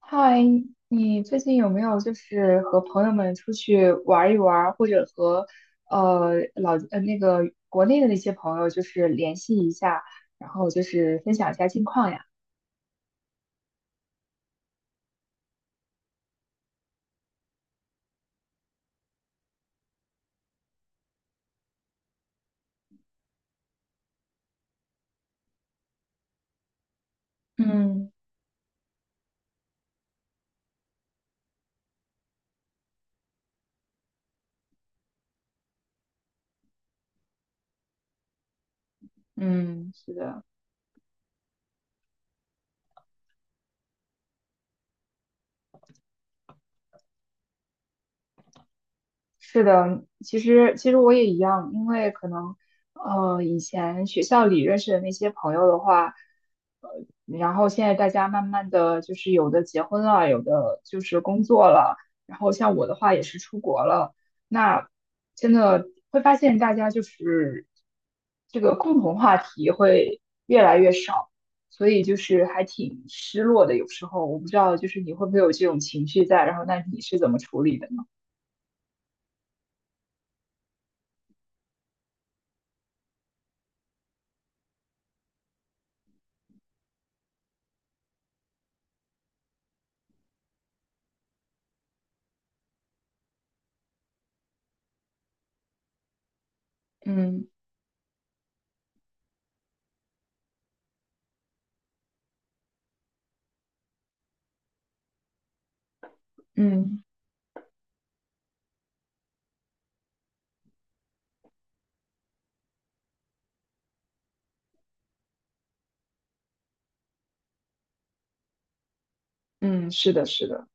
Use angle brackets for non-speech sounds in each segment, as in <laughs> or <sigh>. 嗨，你最近有没有就是和朋友们出去玩一玩，或者和呃老呃那个国内的那些朋友就是联系一下，然后就是分享一下近况呀？嗯嗯，是的。是的，其实我也一样，因为可能以前学校里认识的那些朋友的话，呃，然后现在大家慢慢的就是有的结婚了，有的就是工作了，然后像我的话也是出国了，那真的会发现大家就是这个共同话题会越来越少，所以就是还挺失落的。有时候我不知道就是你会不会有这种情绪在，然后那你是怎么处理的呢？嗯嗯。嗯，是的，是的，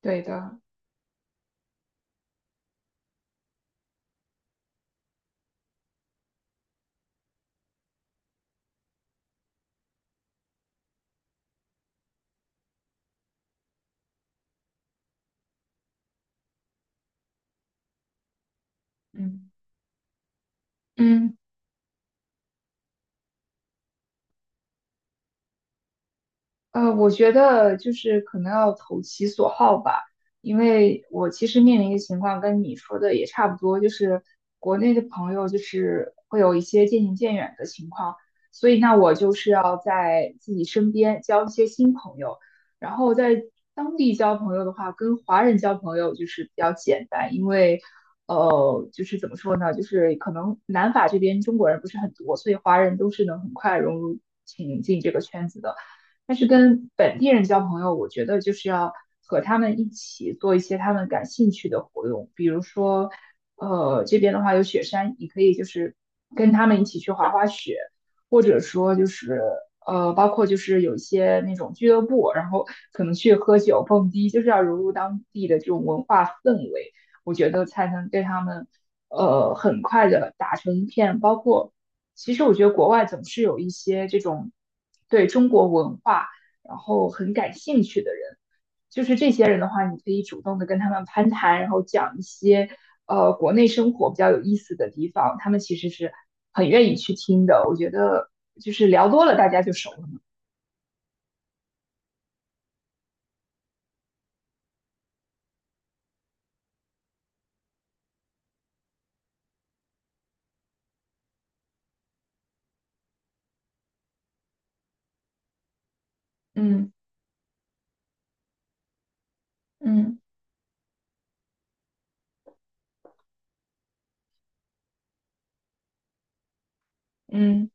对的，嗯嗯，我觉得就是可能要投其所好吧，因为我其实面临的情况跟你说的也差不多，就是国内的朋友就是会有一些渐行渐远的情况，所以那我就是要在自己身边交一些新朋友，然后在当地交朋友的话，跟华人交朋友就是比较简单，因为就是怎么说呢，就是可能南法这边中国人不是很多，所以华人都是能很快融入进这个圈子的。但是跟本地人交朋友，我觉得就是要和他们一起做一些他们感兴趣的活动，比如说，这边的话有雪山，你可以就是跟他们一起去滑滑雪，或者说就是包括就是有一些那种俱乐部，然后可能去喝酒蹦迪，就是要融入当地的这种文化氛围，我觉得才能对他们很快的打成一片，包括。其实我觉得国外总是有一些这种对中国文化然后很感兴趣的人，就是这些人的话，你可以主动的跟他们攀谈，然后讲一些国内生活比较有意思的地方，他们其实是很愿意去听的。我觉得就是聊多了，大家就熟了嘛。嗯嗯嗯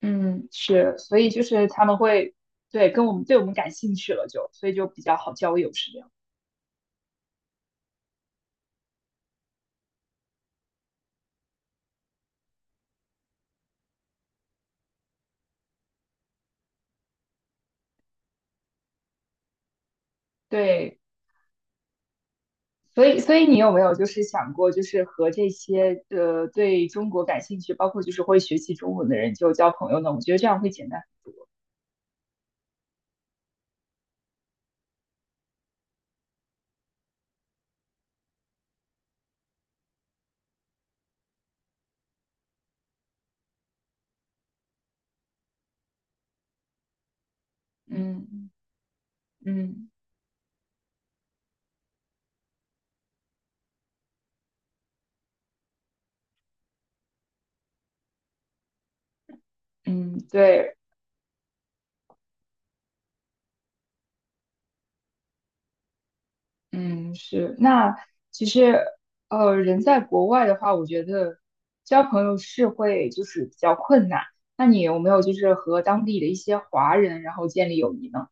嗯，是，所以就是他们会对跟我们对我们感兴趣了就，所以就比较好交友，是这样。对。所以，所以你有没有就是想过，就是和这些对中国感兴趣，包括就是会学习中文的人就交朋友呢？我觉得这样会简单。嗯嗯嗯，对，嗯是。那其实人在国外的话，我觉得交朋友是会就是比较困难。那你有没有就是和当地的一些华人然后建立友谊呢？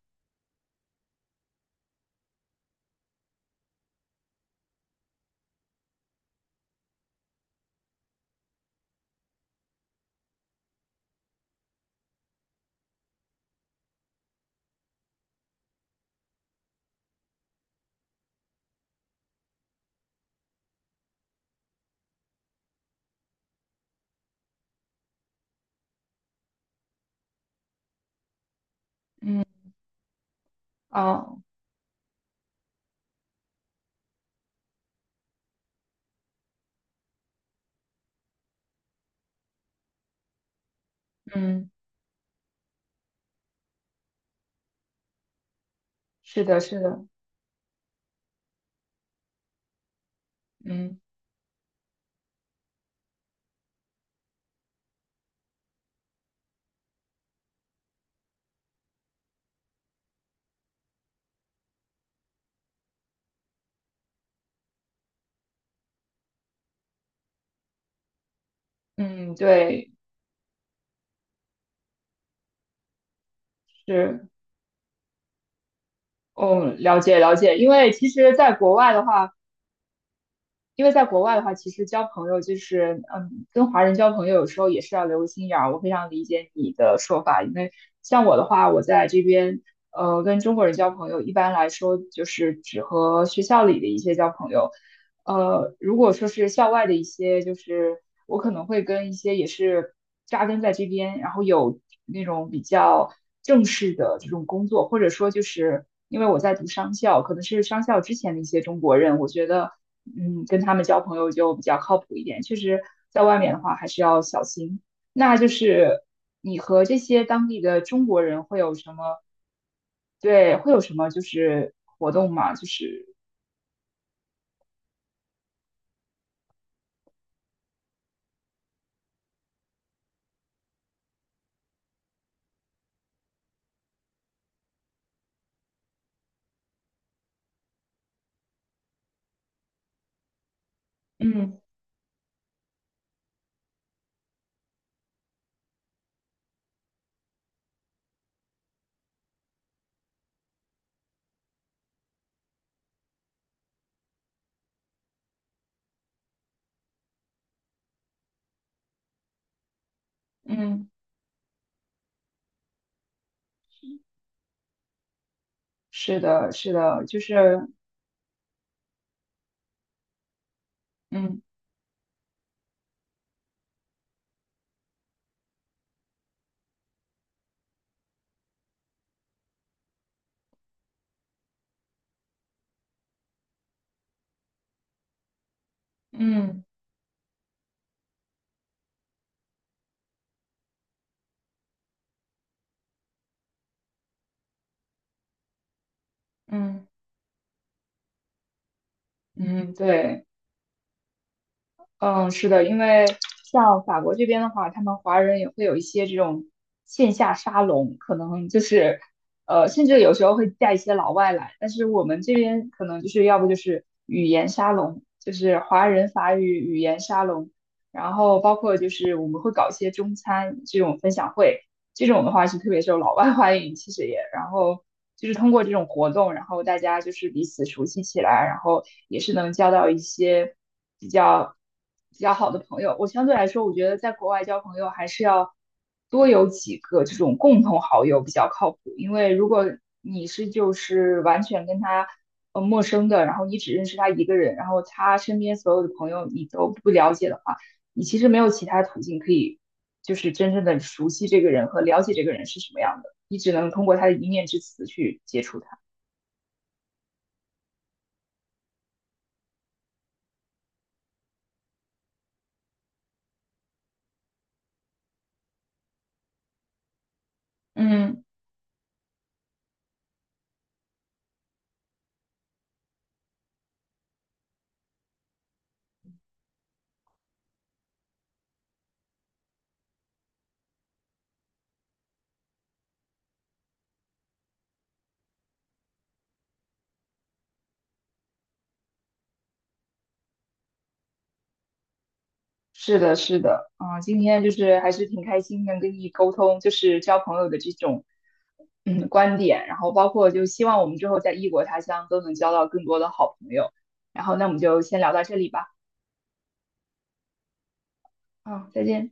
嗯哦，嗯，是的，是的，嗯嗯，对，是。嗯，了解了解，因为其实在国外的话，因为在国外的话，其实交朋友就是，嗯，跟华人交朋友有时候也是要留个心眼儿。我非常理解你的说法，因为像我的话，我在这边，跟中国人交朋友，一般来说就是只和学校里的一些交朋友。呃，如果说是校外的一些，就是我可能会跟一些也是扎根在这边，然后有那种比较正式的这种工作，或者说就是因为我在读商校，可能是商校之前的一些中国人，我觉得嗯，跟他们交朋友就比较靠谱一点。确实，在外面的话还是要小心。那就是你和这些当地的中国人会有什么？对，会有什么就是活动吗？就是嗯嗯是的，是的，就是嗯嗯嗯嗯嗯，对。嗯，是的，因为像法国这边的话，他们华人也会有一些这种线下沙龙，可能就是，甚至有时候会带一些老外来。但是我们这边可能就是要不就是语言沙龙，就是华人法语语言沙龙，然后包括就是我们会搞一些中餐这种分享会，这种的话是特别受老外 <laughs> 欢迎，其实也，然后就是通过这种活动，然后大家就是彼此熟悉起来，然后也是能交到一些。比较比较好的朋友。我相对来说，我觉得在国外交朋友还是要多有几个这种共同好友比较靠谱，因为如果你是就是完全跟他陌生的，然后你只认识他一个人，然后他身边所有的朋友你都不了解的话，你其实没有其他途径可以就是真正的熟悉这个人和了解这个人是什么样的，你只能通过他的一面之词去接触他。嗯。是的，是的，嗯，今天就是还是挺开心能跟你沟通，就是交朋友的这种嗯观点，然后包括就希望我们之后在异国他乡都能交到更多的好朋友，然后那我们就先聊到这里吧，嗯，再见。